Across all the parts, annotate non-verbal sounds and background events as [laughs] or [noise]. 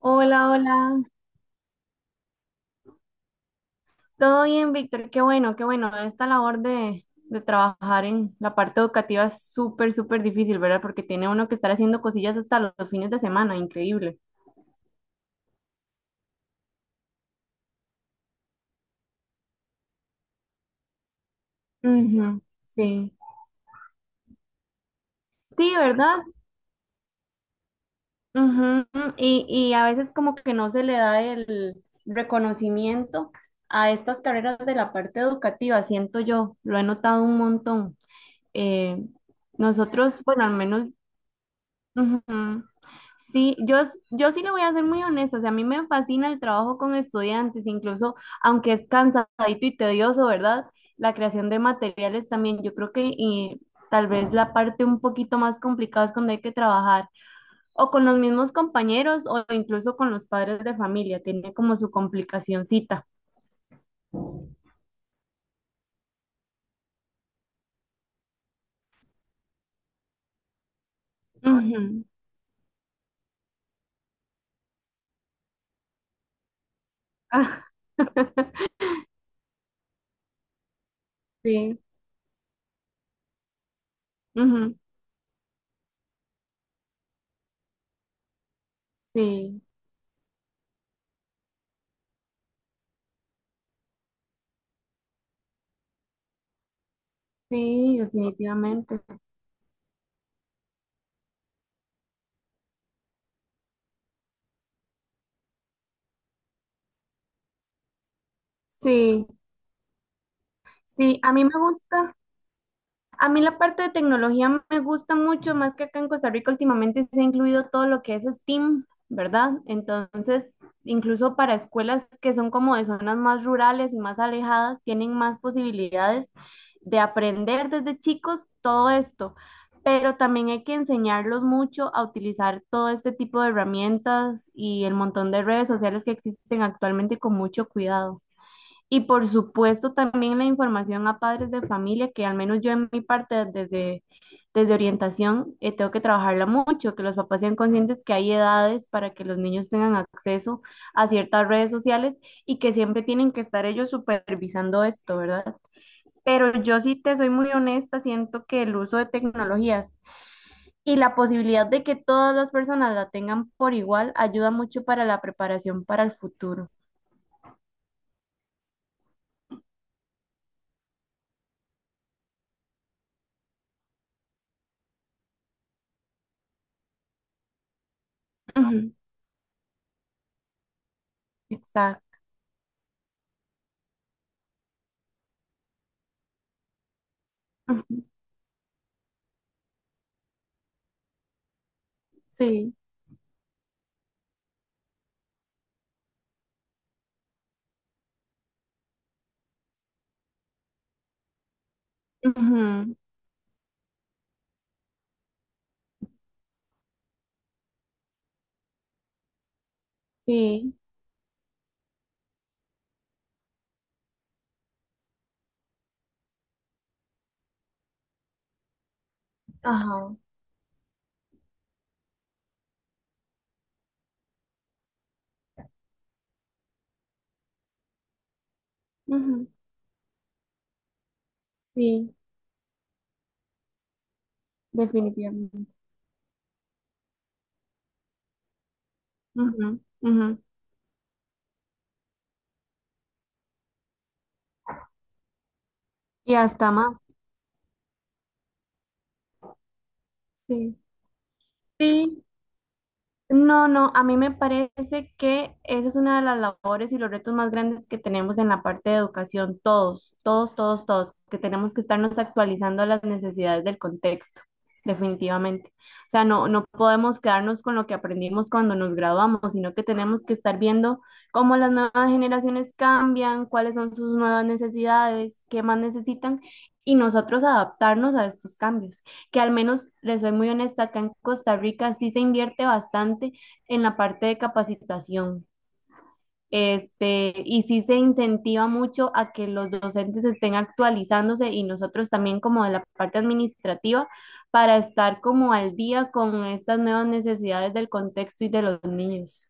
Hola, hola. ¿Todo bien, Víctor? Qué bueno, qué bueno. Esta labor de trabajar en la parte educativa es súper, súper difícil, ¿verdad? Porque tiene uno que estar haciendo cosillas hasta los fines de semana, increíble. Ujú, sí. Sí, ¿verdad? Ujú, y a veces como que no se le da el reconocimiento a estas carreras de la parte educativa, siento yo, lo he notado un montón. Eh, nosotros, bueno, al menos ujú. Sí, yo sí le voy a ser muy honesta, o sea, a mí me fascina el trabajo con estudiantes, incluso aunque es cansadito y tedioso, ¿verdad? La creación de materiales también, yo creo que y tal vez la parte un poquito más complicada es cuando hay que trabajar o con los mismos compañeros o incluso con los padres de familia, tiene como su complicacioncita. Ujú. Ah, [laughs] sí, ujú, sí, sí, definitivamente. Sí, sí, a mí me gusta. A mí la parte de tecnología me gusta mucho, más que acá en Costa Rica últimamente se ha incluido todo lo que es STEAM, ¿verdad? Entonces, incluso para escuelas que son como de zonas más rurales y más alejadas, tienen más posibilidades de aprender desde chicos todo esto. Pero también hay que enseñarlos mucho a utilizar todo este tipo de herramientas y el montón de redes sociales que existen actualmente con mucho cuidado. Y por supuesto también la información a padres de familia, que al menos yo en mi parte desde, desde orientación, tengo que trabajarla mucho, que los papás sean conscientes que hay edades para que los niños tengan acceso a ciertas redes sociales y que siempre tienen que estar ellos supervisando esto, ¿verdad? Pero yo sí te soy muy honesta, siento que el uso de tecnologías y la posibilidad de que todas las personas la tengan por igual ayuda mucho para la preparación para el futuro. Ujú, exacto. Ujú, sí. Ujú, sí, ajá, ujú, sí, definitivamente. Ujú, ujú, y hasta más, sí, sí. No, no, a mí me parece que esa es una de las labores y los retos más grandes que tenemos en la parte de educación, todos, todos, todos, todos, que tenemos que estarnos actualizando a las necesidades del contexto, definitivamente. O sea, no, no podemos quedarnos con lo que aprendimos cuando nos graduamos, sino que tenemos que estar viendo cómo las nuevas generaciones cambian, cuáles son sus nuevas necesidades, qué más necesitan y nosotros adaptarnos a estos cambios que, al menos, les soy muy honesta, acá en Costa Rica sí se invierte bastante en la parte de capacitación. Este, y sí se incentiva mucho a que los docentes estén actualizándose, y nosotros también como de la parte administrativa, para estar como al día con estas nuevas necesidades del contexto y de los niños.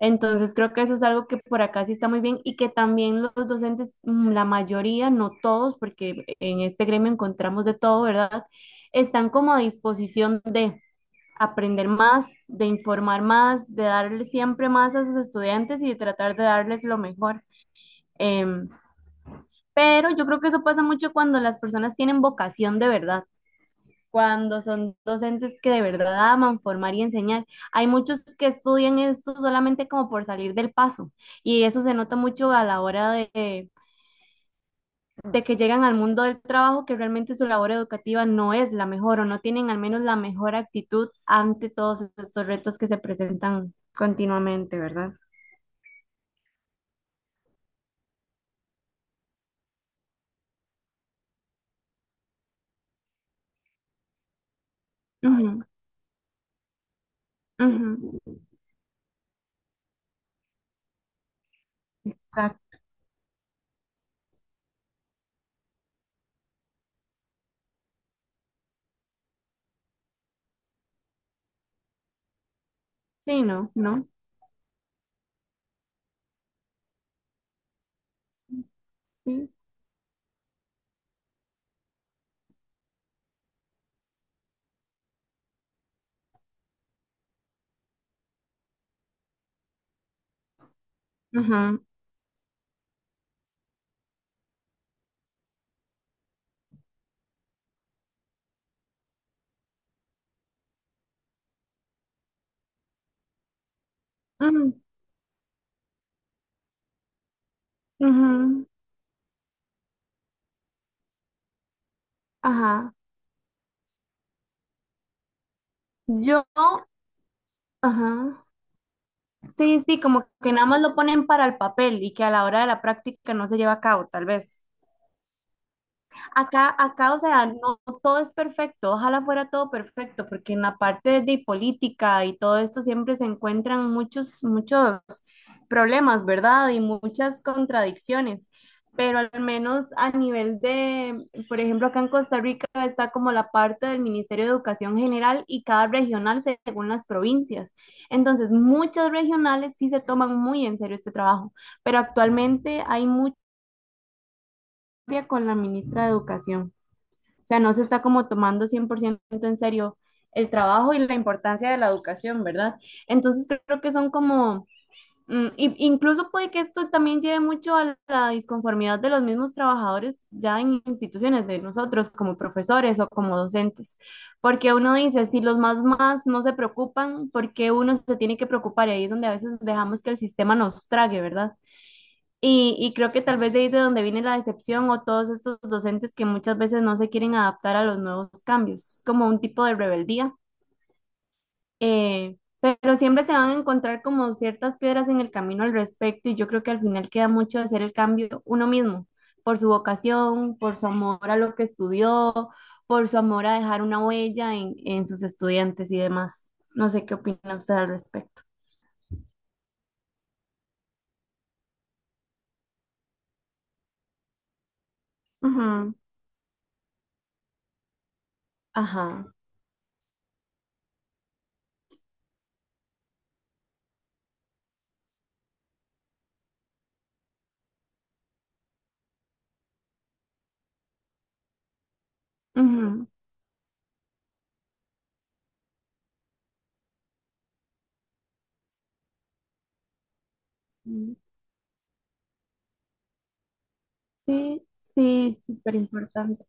Entonces creo que eso es algo que por acá sí está muy bien, y que también los docentes, la mayoría, no todos, porque en este gremio encontramos de todo, ¿verdad? Están como a disposición de aprender más, de informar más, de darle siempre más a sus estudiantes y de tratar de darles lo mejor. Em, pero yo creo que eso pasa mucho cuando las personas tienen vocación de verdad, cuando son docentes que de verdad aman formar y enseñar. Hay muchos que estudian eso solamente como por salir del paso, y eso se nota mucho a la hora de que llegan al mundo del trabajo, que realmente su labor educativa no es la mejor o no tienen al menos la mejor actitud ante todos estos retos que se presentan continuamente, ¿verdad? Ujú, ujú. Exacto. Sí, no, no, sí. Ujú, ujú, ujú, ajá. Yo, ajá. Sí, sí, como que nada más lo ponen para el papel y que a la hora de la práctica no se lleva a cabo, tal vez. Acá, acá, o sea, no todo es perfecto, ojalá fuera todo perfecto, porque en la parte de política y todo esto siempre se encuentran muchos, muchos problemas, ¿verdad? Y muchas contradicciones, pero al menos a nivel de, por ejemplo, acá en Costa Rica está como la parte del Ministerio de Educación General y cada regional según las provincias. Entonces, muchas regionales sí se toman muy en serio este trabajo, pero actualmente hay mucha con la ministra de Educación. O sea, no se está como tomando 100% en serio el trabajo y la importancia de la educación, ¿verdad? Entonces creo que son como, incluso puede que esto también lleve mucho a la disconformidad de los mismos trabajadores ya en instituciones, de nosotros como profesores o como docentes, porque uno dice, si los más más no se preocupan, ¿por qué uno se tiene que preocupar? Y ahí es donde a veces dejamos que el sistema nos trague, ¿verdad? Y creo que tal vez de ahí de donde viene la decepción, o todos estos docentes que muchas veces no se quieren adaptar a los nuevos cambios. Es como un tipo de rebeldía, pero siempre se van a encontrar como ciertas piedras en el camino al respecto, y yo creo que al final queda mucho de hacer el cambio uno mismo, por su vocación, por su amor a lo que estudió, por su amor a dejar una huella en sus estudiantes y demás. No sé qué opina usted al respecto. Ujú, ajá. Ujú. Sí, sí, súper importante.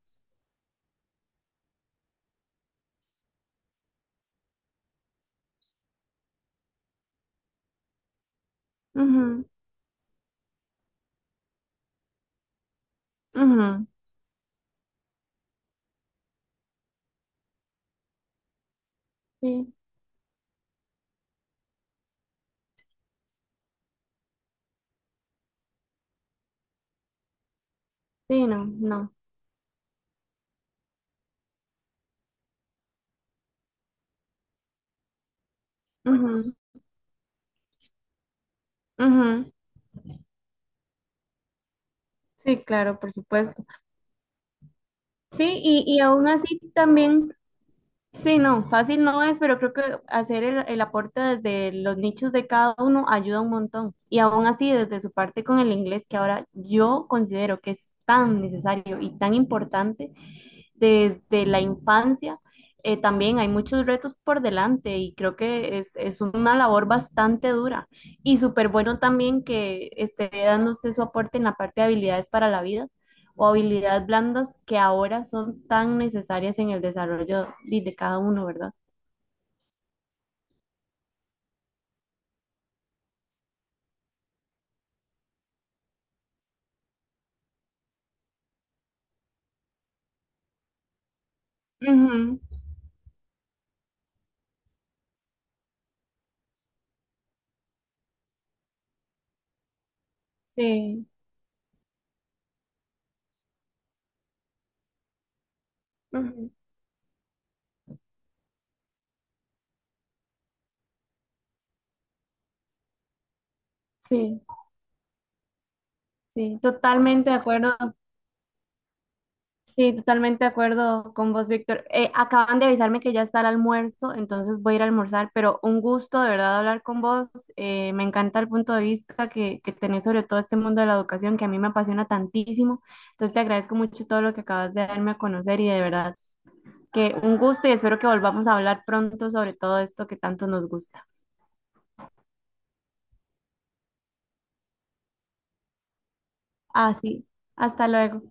Ujú, ujú, sí, sí, no, no. Ujú, ujú, sí, claro, por supuesto. Sí, y aún así también, sí, no, fácil no es, pero creo que hacer el aporte desde los nichos de cada uno ayuda un montón. Y aún así, desde su parte con el inglés, que ahora yo considero que es tan necesario y tan importante, desde la infancia, también hay muchos retos por delante, y creo que es una labor bastante dura, y súper bueno también que esté dando usted su aporte en la parte de habilidades para la vida o habilidades blandas que ahora son tan necesarias en el desarrollo de cada uno, ¿verdad? Ujú, sí, ujú, sí, sí, totalmente de acuerdo. Sí, totalmente de acuerdo con vos, Víctor. Acaban de avisarme que ya está el almuerzo, entonces voy a ir a almorzar, pero un gusto de verdad hablar con vos. Me encanta el punto de vista que tenés sobre todo este mundo de la educación que a mí me apasiona tantísimo. Entonces te agradezco mucho todo lo que acabas de darme a conocer, y de verdad que un gusto, y espero que volvamos a hablar pronto sobre todo esto que tanto nos gusta. Así, hasta luego.